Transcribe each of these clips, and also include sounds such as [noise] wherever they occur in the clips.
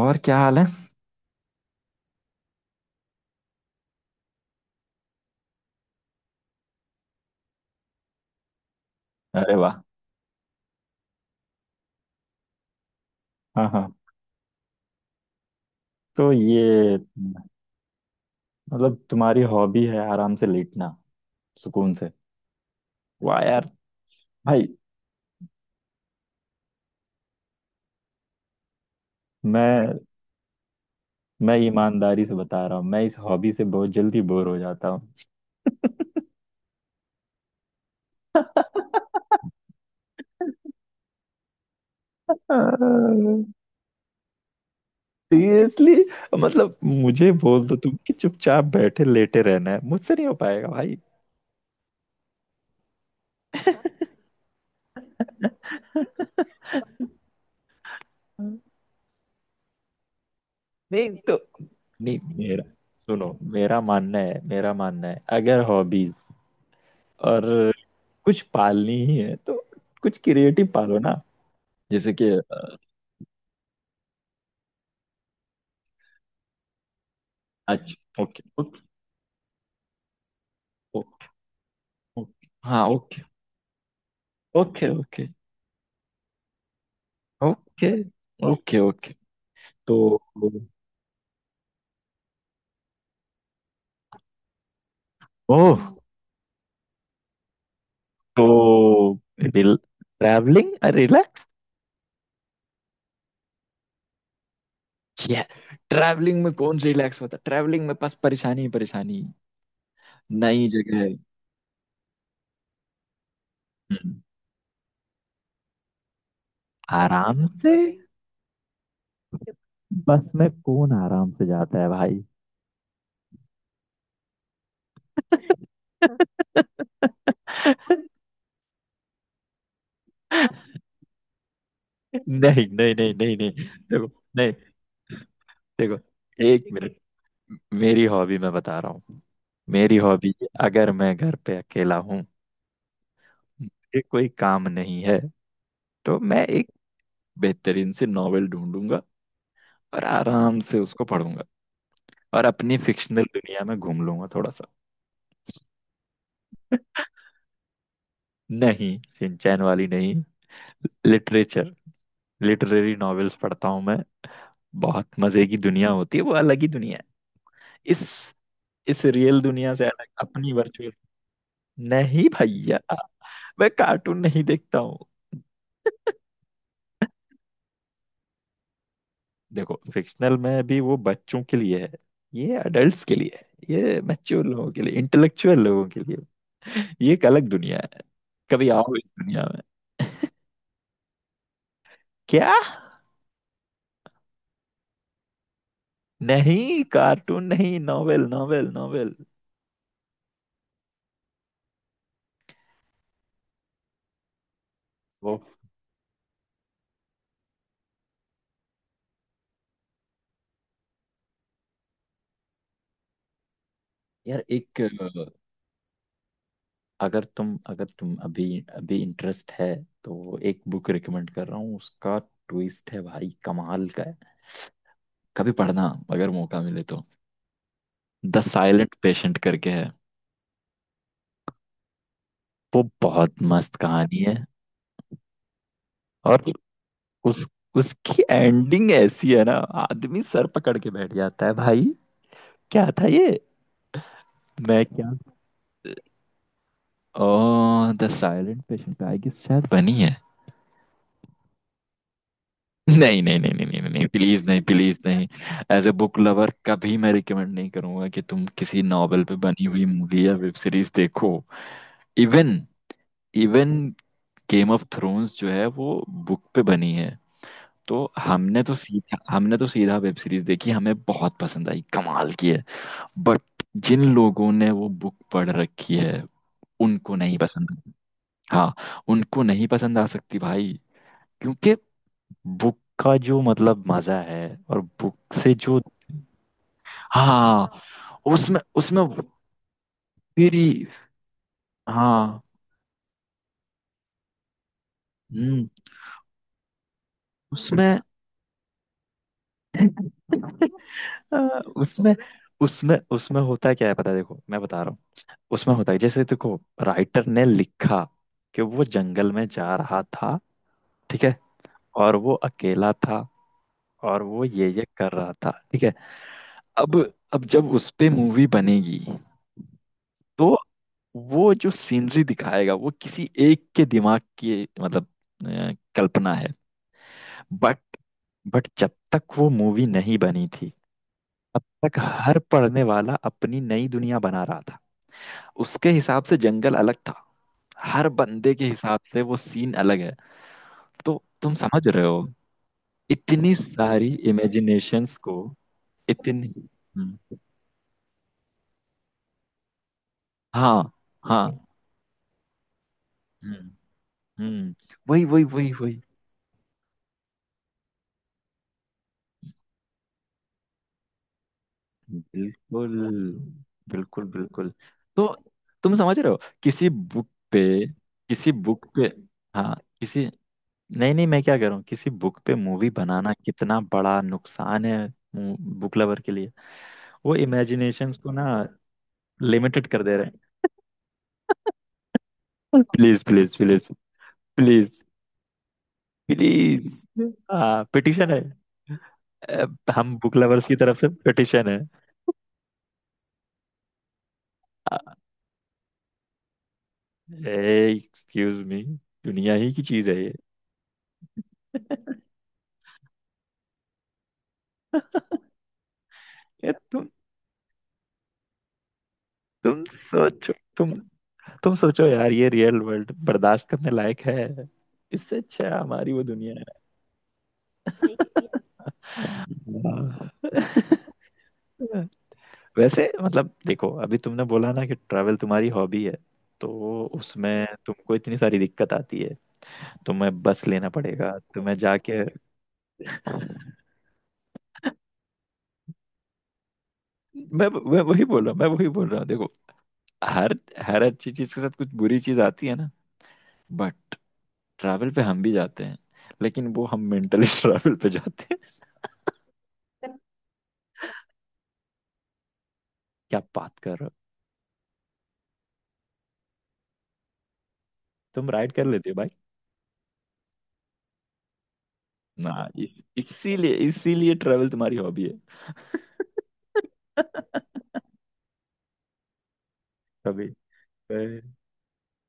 और क्या हाल है? अरे वाह। हाँ हाँ। तो ये, मतलब तुम्हारी हॉबी है आराम से लेटना, सुकून से। वाह यार, भाई। मैं मैं ईमानदारी से बता रहा हूँ, मैं इस हॉबी से बहुत जल्दी बोर हो जाता हूँ। [laughs] सीरियसली, मतलब मुझे बोल दो तुम कि चुपचाप बैठे लेटे रहना है, मुझसे नहीं हो पाएगा भाई। नहीं तो। नहीं, मेरा... सुनो, मेरा मानना है, अगर हॉबीज और कुछ पालनी ही है तो कुछ क्रिएटिव पालो ना, जैसे कि... अच्छा, ओके, ओके, ओके, ओके। हाँ, okay, okay, okay, okay, okay, okay. तो... ओह। तो ट्रैवलिंग रिलैक्स? क्या? ट्रैवलिंग में कौन रिलैक्स होता है? ट्रैवलिंग में बस परेशानी ही परेशानी। नई जगह है। हम्म। आराम से। बस में कौन आराम से जाता है भाई? [laughs] नहीं, नहीं, नहीं, नहीं, नहीं। देखो, नहीं, देखो, एक मिनट। मेरी हॉबी मैं बता रहा हूँ, मेरी हॉबी। अगर मैं घर पे अकेला हूँ, मुझे कोई काम नहीं है, तो मैं एक बेहतरीन से नॉवेल ढूंढूंगा और आराम से उसको पढ़ूंगा, और अपनी फिक्शनल दुनिया में घूम लूंगा थोड़ा सा। नहीं, सिंचैन वाली नहीं, लिटरेचर, लिटरेरी नॉवेल्स पढ़ता हूँ मैं। बहुत मजे की दुनिया होती है, वो अलग ही दुनिया है। इस इस रियल दुनिया से अलग, अपनी वर्चुअल। नहीं भैया, मैं कार्टून नहीं देखता हूँ। देखो, फिक्शनल में भी वो बच्चों के लिए है, ये अडल्ट्स के लिए है, ये मैच्योर लोगों के लिए, इंटेलेक्चुअल लोगों के लिए, ये एक अलग दुनिया है। कभी आओ इस दुनिया में। क्या? नहीं, कार्टून नहीं, नॉवेल, नॉवेल, नॉवेल। वो... यार, एक... अगर तुम अभी अभी इंटरेस्ट है, तो एक बुक रिकमेंड कर रहा हूँ। उसका ट्विस्ट है भाई, कमाल का है। कभी पढ़ना, अगर मौका मिले तो। द साइलेंट पेशेंट करके है, वो बहुत मस्त कहानी है। और उस उसकी एंडिंग ऐसी है ना, आदमी सर पकड़ के बैठ जाता है भाई। क्या था ये? मैं क्या... oh, the silent patient, I guess शायद बनी है। नहीं, नहीं, नहीं, नहीं, नहीं, नहीं, प्लीज नहीं, प्लीज नहीं। एज ए बुक लवर, कभी मैं रिकमेंड नहीं करूंगा कि तुम किसी नॉवेल पे बनी हुई मूवी या वेब सीरीज देखो। Even even game of thrones जो है वो बुक पे बनी है, तो हमने तो सीधा वेब सीरीज देखी, हमें बहुत पसंद आई, कमाल की है। बट जिन लोगों ने वो बुक पढ़ रखी है, उनको नहीं पसंद। हाँ, उनको नहीं पसंद आ सकती भाई, क्योंकि बुक का जो मतलब मजा है, और बुक से जो... हाँ, उसमें उसमें मेरी... हाँ, हम्म, उसमें... हाँ, उसमें उसमें उसमें होता क्या है, पता है? देखो, मैं बता रहा हूँ। उसमें होता है, जैसे देखो, राइटर ने लिखा कि वो जंगल में जा रहा था, ठीक है? और वो अकेला था, और वो ये कर रहा था, ठीक है? अब अब जब उस पे मूवी बनेगी, तो वो जो सीनरी दिखाएगा वो किसी एक के दिमाग की, मतलब कल्पना है। बट बट जब तक वो मूवी नहीं बनी थी, तब तक हर पढ़ने वाला अपनी नई दुनिया बना रहा था। उसके हिसाब से जंगल अलग था, हर बंदे के हिसाब से वो सीन अलग है। तो तुम समझ रहे हो? इतनी सारी इमेजिनेशंस को... इतनी... हम्म, हाँ हाँ, हम्म, हम्म। वही, वही, वही, वही। बिल्कुल, बिल्कुल, बिल्कुल। तो तुम समझ रहे हो, किसी बुक पे हाँ, किसी... नहीं, नहीं, मैं क्या कर रहा हूँ, किसी बुक पे मूवी बनाना कितना बड़ा नुकसान है बुक लवर के लिए। वो इमेजिनेशंस को ना लिमिटेड कर दे रहे हैं। Please, please, please, please, please. हाँ, पिटिशन है। अ, हम बुक लवर्स की तरफ से पिटिशन है। एक्सक्यूज मी, दुनिया ही की चीज है ये। [laughs] ये... तुम सोचो, तुम सोचो यार, ये रियल वर्ल्ड बर्दाश्त करने लायक है? इससे अच्छा हमारी वो दुनिया है। [laughs] हाँ। [laughs] वैसे मतलब देखो, अभी तुमने बोला ना कि ट्रैवल तुम्हारी हॉबी है, तो उसमें तुमको इतनी सारी दिक्कत आती है। तुम्हें बस लेना पड़ेगा, तुम्हें जाके... [laughs] मैं वही बोल रहा हूँ, मैं वही बोल रहा हूँ, देखो, हर हर अच्छी चीज के साथ कुछ बुरी चीज आती है ना, बट ट्रैवल पे हम भी जाते हैं, लेकिन वो हम मेंटली ट्रैवल [laughs] पे जाते हैं। क्या बात कर रहे हो! तुम राइड कर लेते हो भाई! ना, इस इसीलिए इसीलिए ट्रैवल तुम्हारी हॉबी है। कभी कभी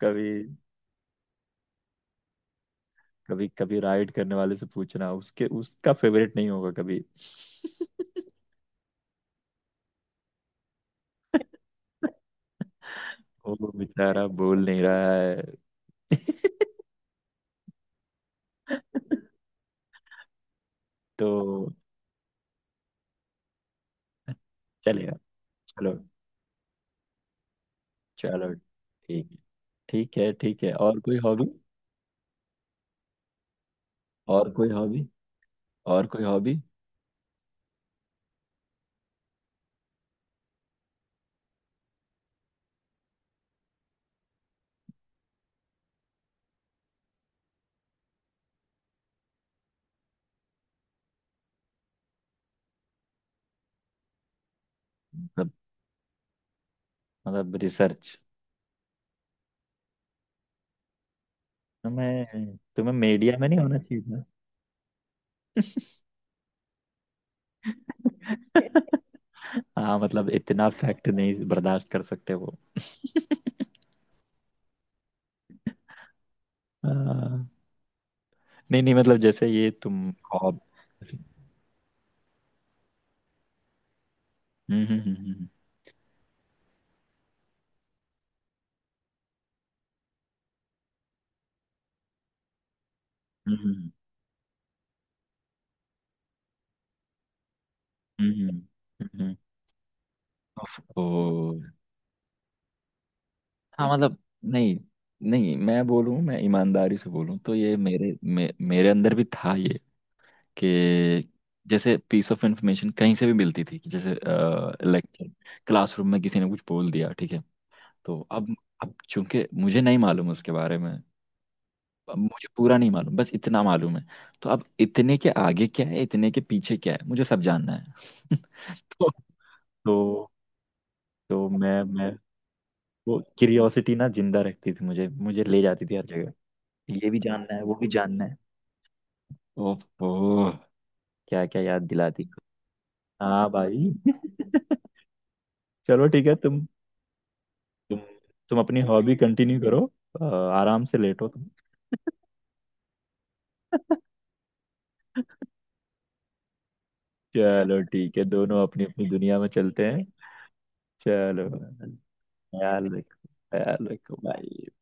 कभी कभी कभी राइड करने वाले से पूछना, उसके... उसका फेवरेट नहीं होगा कभी। [laughs] वो बेचारा बोल नहीं रहा है। [laughs] तो चलेगा, चलो, चलो, ठीक है, ठीक है, ठीक है। और कोई हॉबी? और कोई हॉबी? और कोई हॉबी? मतलब... रिसर्च? तुम्हें तुम्हें मीडिया में नहीं होना चाहिए था। हाँ, मतलब इतना फैक्ट नहीं बर्दाश्त कर सकते वो। हाँ। नहीं, नहीं, मतलब जैसे ये तुम हॉब... हम्म, हम्म, हम्म, हम्म, हम्म, हम्म। उफ, ओ। हाँ मतलब... नहीं, नहीं, मैं बोलूँ, मैं ईमानदारी से बोलूँ तो ये मेरे अंदर भी था, ये कि जैसे पीस ऑफ इंफॉर्मेशन कहीं से भी मिलती थी, कि जैसे लेक्चर, क्लासरूम में किसी ने कुछ बोल दिया, ठीक है? तो अब चूंकि मुझे नहीं मालूम उसके बारे में, मुझे पूरा नहीं मालूम, बस इतना मालूम है, तो अब इतने के आगे क्या है, इतने के पीछे क्या है, मुझे सब जानना है। [laughs] तो... तो तो मैं वो क्यूरियोसिटी ना जिंदा रखती थी मुझे, ले जाती थी हर जगह। ये भी जानना है, वो भी जानना है। ओहो, क्या क्या याद दिलाती। हाँ भाई। [laughs] चलो ठीक है, तुम तुम अपनी हॉबी कंटिन्यू करो, अ, आराम से लेटो तुम। [laughs] चलो ठीक है, दोनों अपनी अपनी दुनिया में चलते हैं। चलो, ख्याल रखो, ख्याल रखो भाई।